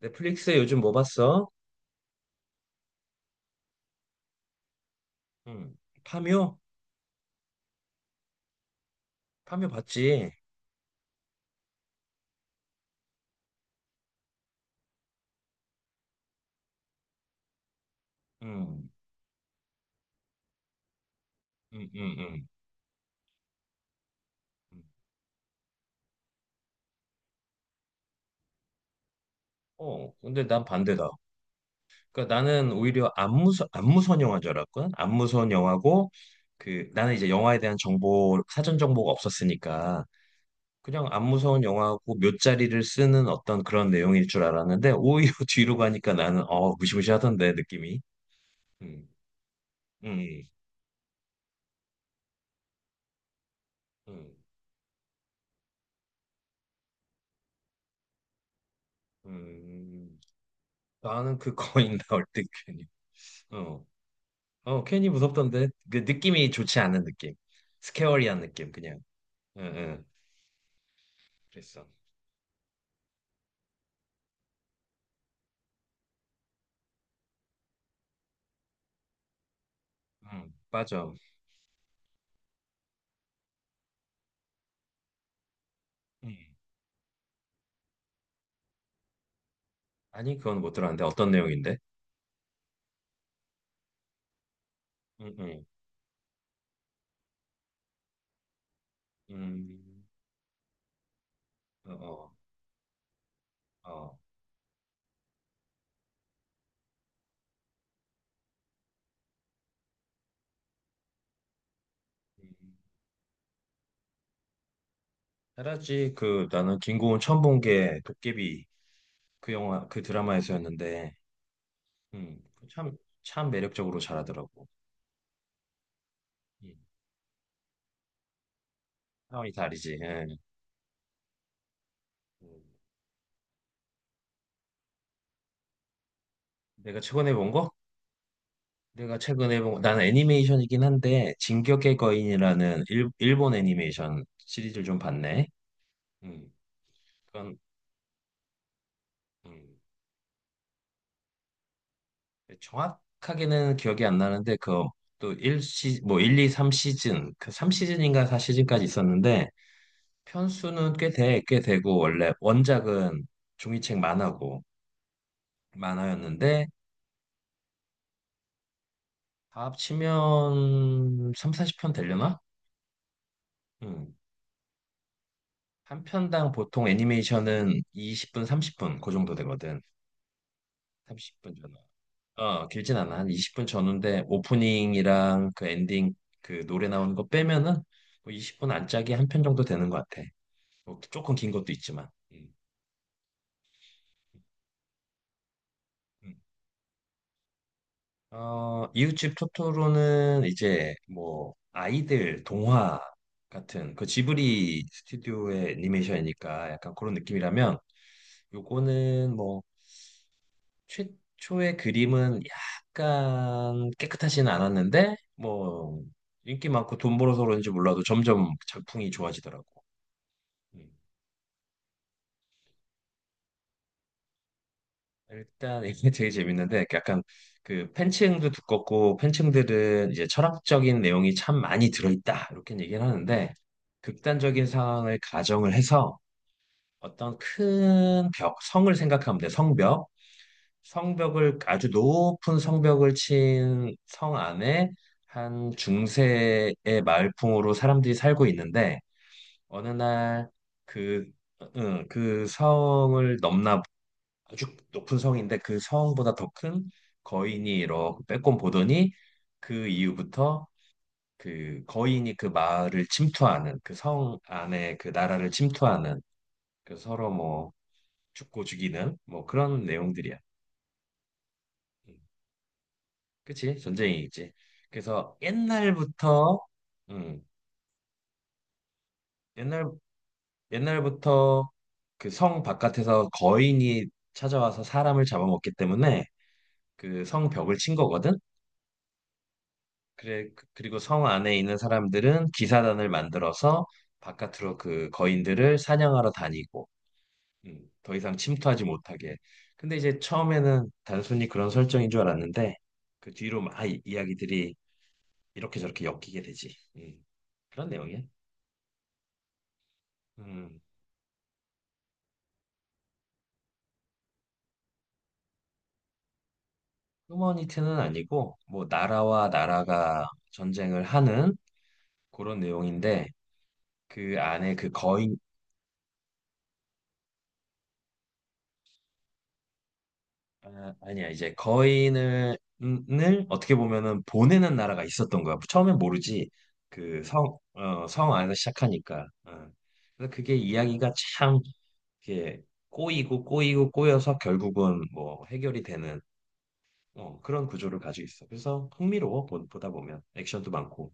넷플릭스에 요즘 뭐 봤어? 음. 파묘? 파묘 봤지? 음. 음, 음, 음. 음. 어, 근데 난 반대다. 그러니까 나는 오히려 안무선 영화인 줄 알았거든. 안무선 영화고 그 나는 이제 영화에 대한 정보 사전 정보가 없었으니까 그냥 안무선 영화고 묫자리를 쓰는 어떤 그런 내용일 줄 알았는데 오히려 뒤로 가니까 나는 무시무시하던데 느낌이. 음. 음. 음. 음. 나는 그 거인 나올 때 괜히 어. 어, 괜히 무섭던데. 그 느낌이 좋지 않은 느낌. 스케어리한 느낌, 그냥. 응, 응. 그랬어. 응, 맞아. 응. 아니, 그건 못 들었는데. 어떤 내용인데? 응, 응. 음, 어, 어, 어. 음. 알았지. 그, 나는 김고은 처음 본 게 도깨비 그 영화, 그 드라마에서였는데, 음, 참, 참 매력적으로 잘하더라고. 음, 상황이 다르지. 응. 음. 내가 최근에 본 거? 내가 최근에 본, 나는 애니메이션이긴 한데, 진격의 거인이라는 일, 본 애니메이션 시리즈를 좀 봤네. 음, 그건, 음, 정확하게는 기억이 안 나는데, 그, 또 1시, 뭐일 2, 3시즌, 그 3시즌인가 4시즌까지 있었는데, 편수는 꽤 되고, 원래 원작은 종이책 만화였는데, 다 합치면 3, 40편 되려나? 음, 한 편당 보통 애니메이션은 20분, 30분, 그 정도 되거든. 30분 전후. 어, 길진 않아. 한 20분 전후인데 오프닝이랑 그 엔딩 그 노래 나오는 거 빼면은 뭐 20분 안짝이 한 편 정도 되는 것 같아. 뭐 조금 긴 것도 있지만. 음, 음. 어, 이웃집 토토로는 이제 뭐 아이들 동화 같은 그 지브리 스튜디오의 애니메이션이니까 약간 그런 느낌이라면 요거는 뭐 최초의 그림은 약간 깨끗하지는 않았는데 뭐 인기 많고 돈 벌어서 그런지 몰라도 점점 작품이 좋아지더라고. 음. 일단 이게 되게 재밌는데 약간 그 팬층도 두껍고 팬층들은 이제 철학적인 내용이 참 많이 들어있다 이렇게 얘기를 하는데 극단적인 상황을 가정을 해서 어떤 큰 벽, 성을 생각하면 돼. 성벽. 성벽을 아주 높은 성벽을 친 성 안에 한 중세의 마을풍으로 사람들이 살고 있는데 어느 날 그, 응, 그 성을 넘나 아주 높은 성인데 그 성보다 더 큰 거인이 이렇게 빼꼼 보더니 그 이후부터 그 거인이 그 마을을 침투하는 그 성 안에 그 나라를 침투하는 그 서로 뭐 죽고 죽이는 뭐 그런 내용들이야. 응. 그치? 전쟁이 있지. 그래서 옛날부터, 음, 옛날, 옛날부터 그 성 바깥에서 거인이 찾아와서 사람을 잡아먹기 때문에 그 성 벽을 친 거거든? 그래, 그리고 성 안에 있는 사람들은 기사단을 만들어서 바깥으로 그 거인들을 사냥하러 다니고, 더 이상 침투하지 못하게. 근데 이제 처음에는 단순히 그런 설정인 줄 알았는데, 그 뒤로 막 아, 이야기들이 이렇게 저렇게 엮이게 되지. 그런 내용이야. 음, 휴머니티는 아니고 뭐 나라와 나라가 전쟁을 하는 그런 내용인데 그 안에 그 거인 아, 아니야 이제 거인을 을 어떻게 보면은 보내는 나라가 있었던 거야. 처음엔 모르지 그 성, 어, 성 안에서 시작하니까. 어. 그래서 그게 이야기가 참 이렇게 꼬이고 꼬이고 꼬여서 결국은 뭐 해결이 되는 어, 그런 구조를 가지고 있어. 그래서 흥미로워 보다 보면 액션도 많고.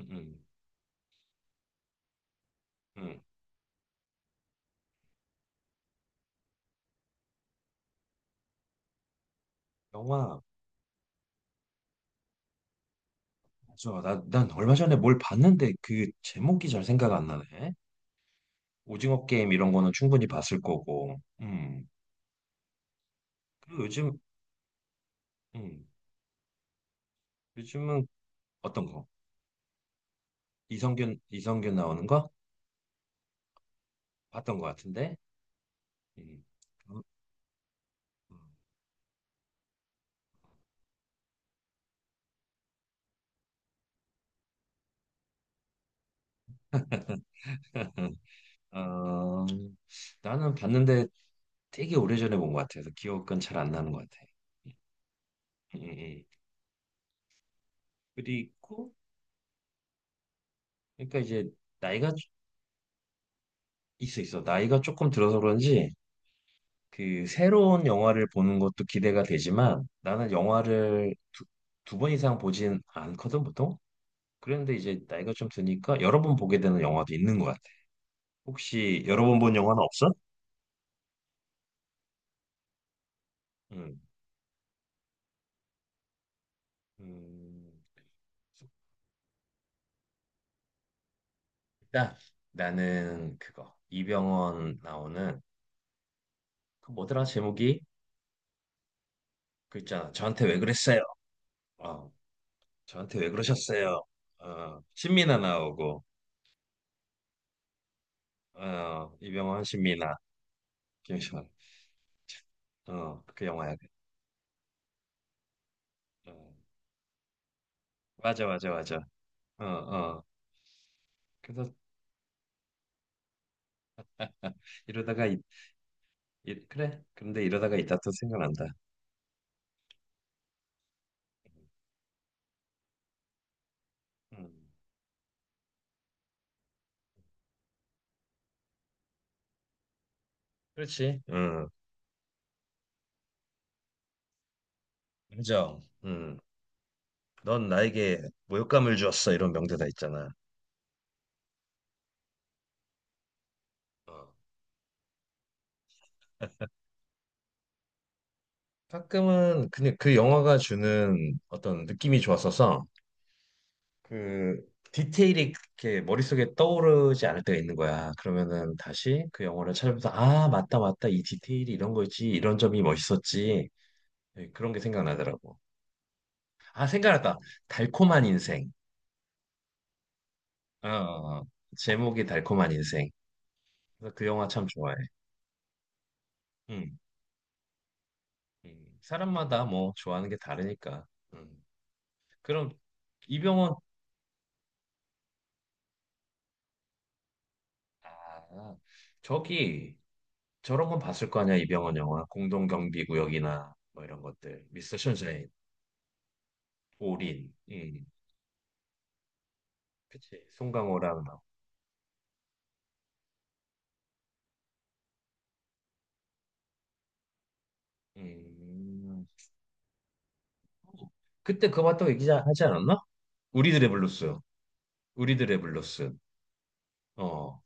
음, 음. 음. 영화 난 얼마 전에 뭘 봤는데 그 제목이 잘 생각 안 나네. 오징어 게임 이런 거는 충분히 봤을 거고. 음. 그리고 요즘, 음. 요즘은 어떤 거? 이성균 나오는 거? 봤던 거 같은데? 음. 어, 어, 나는 봤는데 되게 오래전에 본 것 같아서 기억은 잘 안 나는 것 같아. 음, 음. 그리고, 그러니까 이제 나이가 있어. 나이가 조금 들어서 그런지 그 새로운 영화를 보는 것도 기대가 되지만 나는 영화를 두 번 이상 보진 않거든 보통. 그런데 이제 나이가 좀 드니까 여러 번 보게 되는 영화도 있는 것 같아. 혹시 여러 번 본 영화는 없어? 음, 음, 일단 나는 그거 이병헌 나오는 그 뭐더라 제목이 그 있잖아. 저한테 왜 그랬어요? 어, 저한테 왜 그러셨어요? 어, 신민아 나오고 어, 이병헌 신민아 김시환 어, 그 영화야. 어, 맞아, 맞아, 맞아. 어, 어. 그래서 이러다가 그래. 그런데 이러다가 이따 또 생각난다. 음. 그렇지. 음. 인정. 음. 넌 나에게 모욕감을 주었어. 이런 명대사 있잖아. 어. 가끔은 그냥 그 영화가 주는 어떤 느낌이 좋았어서 그 디테일이 이렇게 머릿속에 떠오르지 않을 때가 있는 거야. 그러면은 다시 그 영화를 찾아보면서 아, 맞다, 맞다. 이 디테일이 이런 거였지. 이런 점이 멋있었지. 예, 그런 게 생각나더라고. 아, 생각났다. 달콤한 인생. 어, 어, 어. 제목이 달콤한 인생. 그래서 그 영화 참 좋아해. 음, 사람마다 뭐 좋아하는 게 다르니까. 음. 그럼 이병헌, 아, 저기 저런 건 봤을 거 아니야, 이병헌 영화. 공동경비구역이나 뭐 이런 것들. 미스터 션샤인, 올인. 그치. 송강호랑. 음. 그때 그거 봤다고 얘기하지 않았나? 우리들의 블루스. 우리들의 블루스. 어,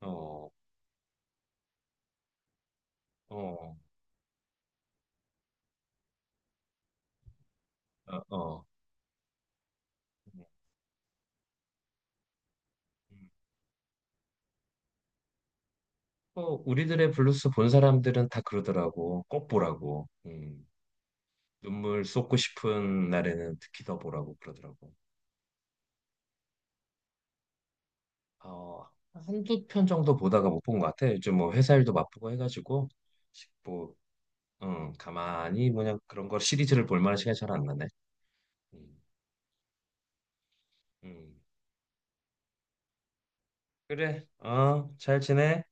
어, 어. 어, 어. 음. 뭐 우리들의 블루스 본 사람들은 다 그러더라고. 꼭 보라고. 눈물 쏟고 싶은 날에는 특히 더 보라고 그러더라고. 어, 한두 편 정도 보다가 못 본 것 같아. 요즘 뭐 회사 일도 바쁘고 해가지고 뭐 가만히 뭐냐 그런 걸 시리즈를 볼 만한 시간이 잘 안 나네. 음, 음. 그래, 어, 잘 지내.